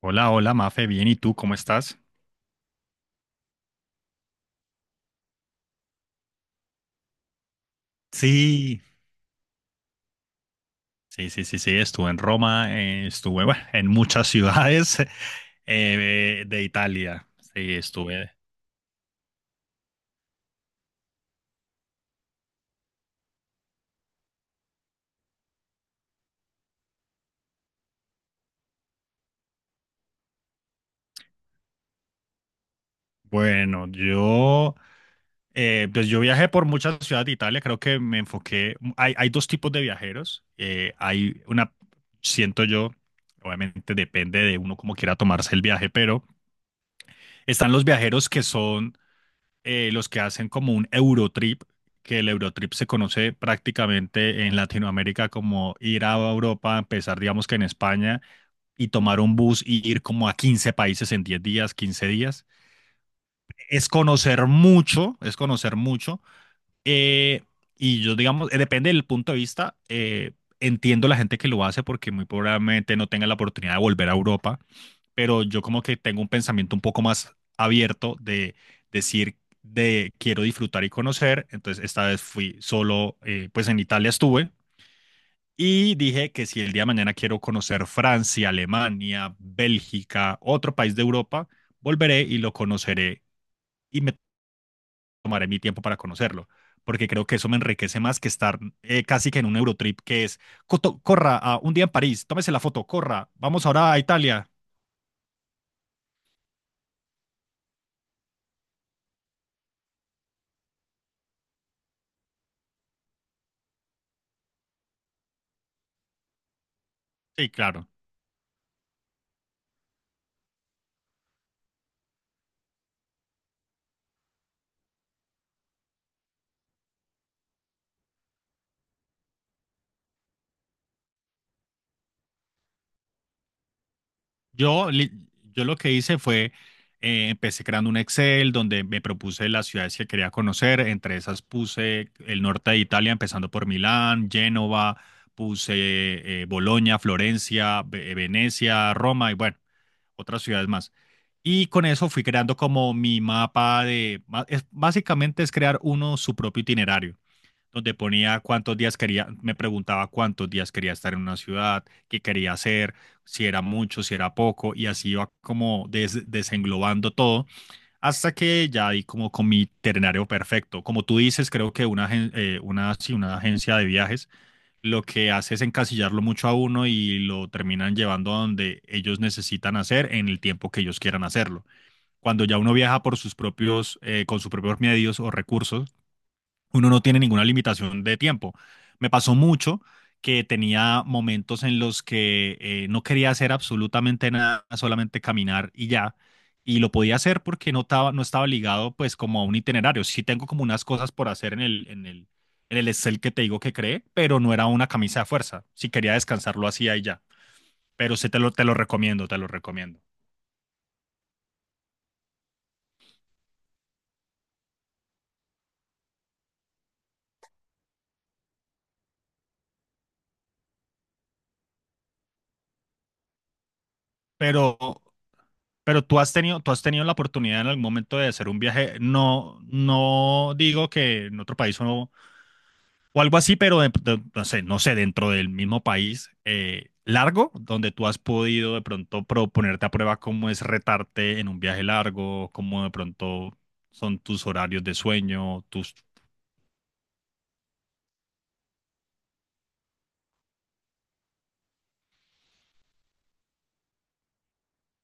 Hola, hola, Mafe, bien, ¿y tú cómo estás? Sí, sí, sí, sí, sí, estuve en Roma, estuve, bueno, en muchas ciudades de Italia, sí, estuve. Bueno, yo viajé por muchas ciudades de Italia. Creo que me enfoqué. Hay dos tipos de viajeros, hay una, siento yo, obviamente depende de uno como quiera tomarse el viaje, pero están los viajeros que son los que hacen como un Eurotrip, que el Eurotrip se conoce prácticamente en Latinoamérica como ir a Europa, empezar digamos que en España, y tomar un bus y ir como a 15 países en 10 días, 15 días. Es conocer mucho, es conocer mucho. eh, y yo digamos, depende del punto de vista, entiendo la gente que lo hace porque muy probablemente no tenga la oportunidad de volver a Europa, pero yo como que tengo un pensamiento un poco más abierto de decir de quiero disfrutar y conocer. Entonces, esta vez fui solo, pues en Italia estuve, y dije que si el día de mañana quiero conocer Francia, Alemania, Bélgica, otro país de Europa, volveré y lo conoceré, y me tomaré mi tiempo para conocerlo. Porque creo que eso me enriquece más que estar casi que en un Eurotrip que es: corra, a un día en París, tómese la foto, corra, vamos ahora a Italia." Sí, claro. Yo, li- yo lo que hice fue, empecé creando un Excel donde me propuse las ciudades que quería conocer. Entre esas puse el norte de Italia, empezando por Milán, Génova. Puse Bolonia, Florencia, Venecia, Roma y bueno, otras ciudades más. Y con eso fui creando como mi mapa de, básicamente es crear uno su propio itinerario, donde ponía cuántos días quería. Me preguntaba cuántos días quería estar en una ciudad, qué quería hacer, si era mucho, si era poco, y así iba como desenglobando todo, hasta que ya di como con mi itinerario perfecto. Como tú dices, creo que sí, una agencia de viajes lo que hace es encasillarlo mucho a uno, y lo terminan llevando a donde ellos necesitan hacer en el tiempo que ellos quieran hacerlo. Cuando ya uno viaja por con sus propios medios o recursos, uno no tiene ninguna limitación de tiempo. Me pasó mucho que tenía momentos en los que no quería hacer absolutamente nada, solamente caminar y ya. Y lo podía hacer porque no estaba ligado pues como a un itinerario. Sí tengo como unas cosas por hacer en el Excel que te digo que creé, pero no era una camisa de fuerza. Si quería descansar, lo hacía y ya. Pero sí te lo recomiendo, te lo recomiendo. Pero Pero tú has tenido la oportunidad en algún momento de hacer un viaje, no, no digo que en otro país o, no- o algo así, pero no sé, no sé, dentro del mismo país, largo, donde tú has podido de pronto proponerte a prueba cómo es retarte en un viaje largo, cómo de pronto son tus horarios de sueño, tus...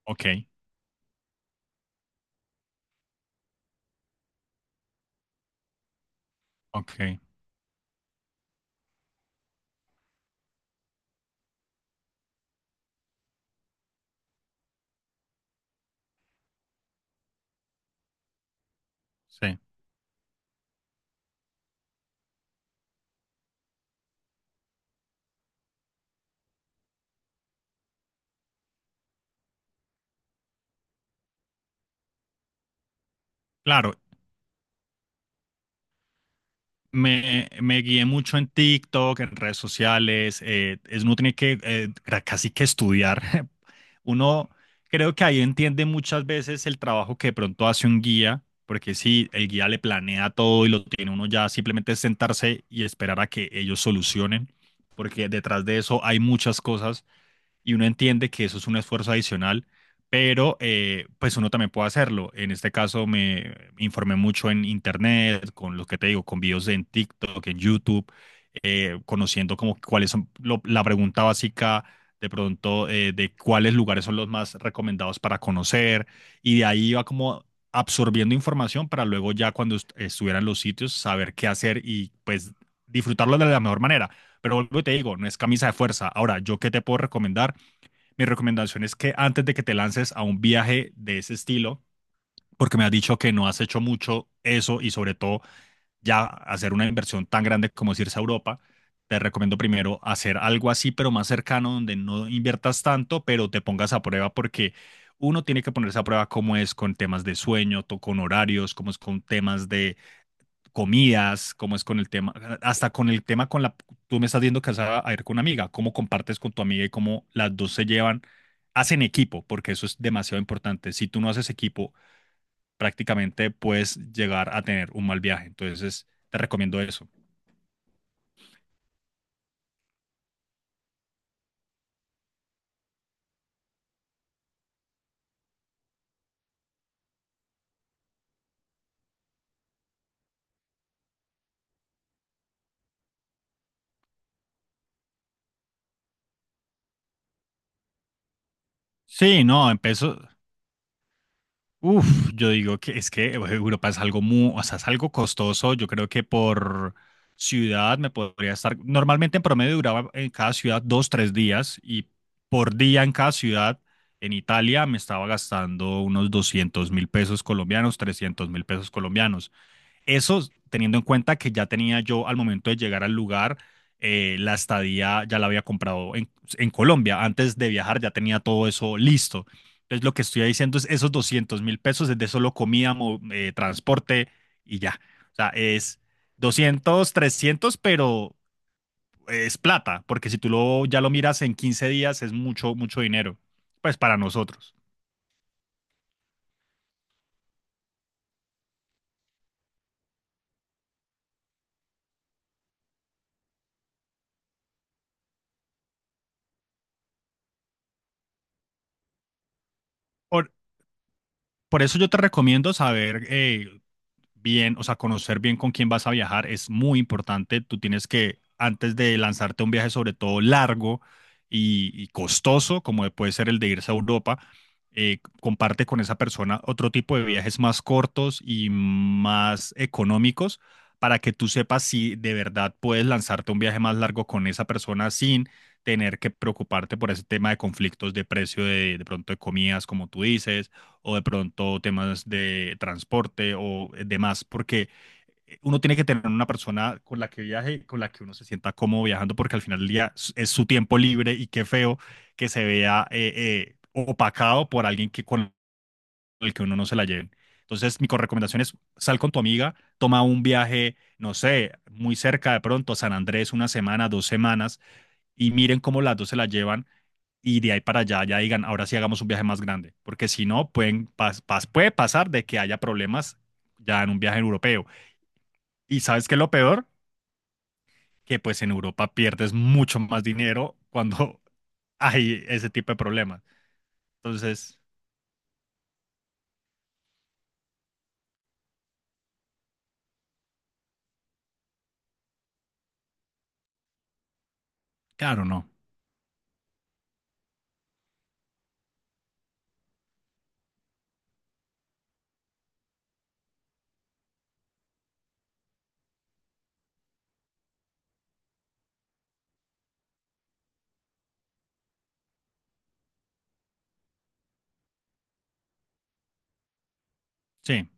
Ok, ok, sí. Claro, me guié mucho en TikTok, en redes sociales. Uno tiene que casi que estudiar. Uno creo que ahí entiende muchas veces el trabajo que de pronto hace un guía, porque si el guía le planea todo y lo tiene uno ya, simplemente es sentarse y esperar a que ellos solucionen, porque detrás de eso hay muchas cosas, y uno entiende que eso es un esfuerzo adicional, pero pues uno también puede hacerlo. En este caso me informé mucho en internet, con lo que te digo, con videos en TikTok, en YouTube, conociendo como cuáles son la pregunta básica de pronto, de cuáles lugares son los más recomendados para conocer, y de ahí iba como absorbiendo información para luego ya cuando estuviera en los sitios saber qué hacer, y pues disfrutarlo de la mejor manera. Pero vuelvo y te digo, no es camisa de fuerza. Ahora, ¿yo qué te puedo recomendar? Mi recomendación es que antes de que te lances a un viaje de ese estilo, porque me has dicho que no has hecho mucho eso, y sobre todo ya hacer una inversión tan grande como es irse a Europa, te recomiendo primero hacer algo así, pero más cercano, donde no inviertas tanto, pero te pongas a prueba, porque uno tiene que ponerse a prueba cómo es con temas de sueño, con horarios, cómo es con temas de comidas, cómo es con el tema, hasta con el tema con la, tú me estás diciendo viendo casada a ir con una amiga, cómo compartes con tu amiga y cómo las dos se llevan, hacen equipo, porque eso es demasiado importante. Si tú no haces equipo, prácticamente puedes llegar a tener un mal viaje. Entonces, te recomiendo eso. Sí, no, uf, yo digo que es que Europa es algo muy, o sea, es algo costoso. Yo creo que por ciudad me podría estar. Normalmente en promedio duraba en cada ciudad 2, 3 días, y por día en cada ciudad en Italia me estaba gastando unos 200.000 pesos colombianos, 300.000 pesos colombianos. Eso teniendo en cuenta que ya tenía yo al momento de llegar al lugar, la estadía ya la había comprado en Colombia. Antes de viajar ya tenía todo eso listo. Entonces, lo que estoy diciendo es esos 200.000 pesos es de solo comida, transporte y ya. O sea, es 200 trescientos, pero es plata, porque si ya lo miras en 15 días es mucho, mucho dinero, pues para nosotros. Por, por eso yo te recomiendo saber, bien, o sea, conocer bien con quién vas a viajar es muy importante. Tú tienes que, antes de lanzarte a un viaje, sobre todo largo y costoso, como puede ser el de irse a Europa, comparte con esa persona otro tipo de viajes más cortos y más económicos, para que tú sepas si de verdad puedes lanzarte a un viaje más largo con esa persona sin tener que preocuparte por ese tema de conflictos de precio de pronto de comidas, como tú dices, o de pronto temas de transporte o demás, porque uno tiene que tener una persona con la que viaje, con la que uno se sienta cómodo viajando, porque al final del día es su tiempo libre, y qué feo que se vea opacado por alguien que con el que uno no se la lleve. Entonces, mi recomendación es sal con tu amiga, toma un viaje, no sé, muy cerca de pronto, San Andrés, una semana, 2 semanas, y miren cómo las dos se la llevan, y de ahí para allá ya digan, ahora sí hagamos un viaje más grande, porque si no, puede pasar de que haya problemas ya en un viaje europeo. Y sabes qué es lo peor, que pues en Europa pierdes mucho más dinero cuando hay ese tipo de problemas. Entonces, claro, no. Sí.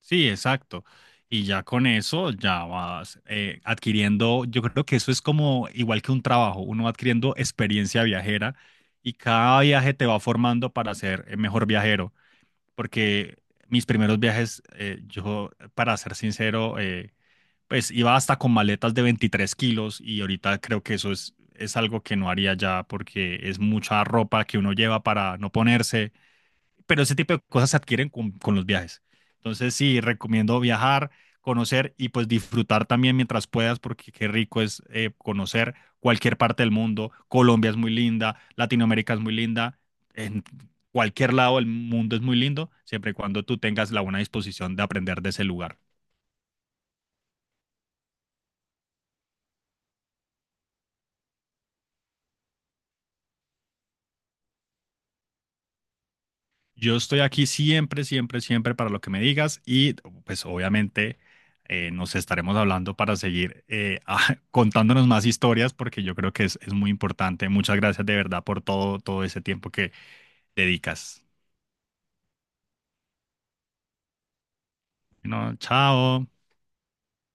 Sí, exacto. Y ya con eso ya vas adquiriendo. Yo creo que eso es como igual que un trabajo, uno va adquiriendo experiencia viajera, y cada viaje te va formando para ser mejor viajero, porque mis primeros viajes, yo, para ser sincero, pues iba hasta con maletas de 23 kilos, y ahorita creo que eso es algo que no haría ya, porque es mucha ropa que uno lleva para no ponerse, pero ese tipo de cosas se adquieren con los viajes. Entonces, sí, recomiendo viajar, conocer y pues disfrutar también mientras puedas, porque qué rico es conocer cualquier parte del mundo. Colombia es muy linda, Latinoamérica es muy linda, en cualquier lado del mundo es muy lindo, siempre y cuando tú tengas la buena disposición de aprender de ese lugar. Yo estoy aquí siempre, siempre, siempre para lo que me digas, y pues obviamente nos estaremos hablando para seguir ah, contándonos más historias, porque yo creo que es muy importante. Muchas gracias de verdad por todo, todo ese tiempo que dedicas. No, chao.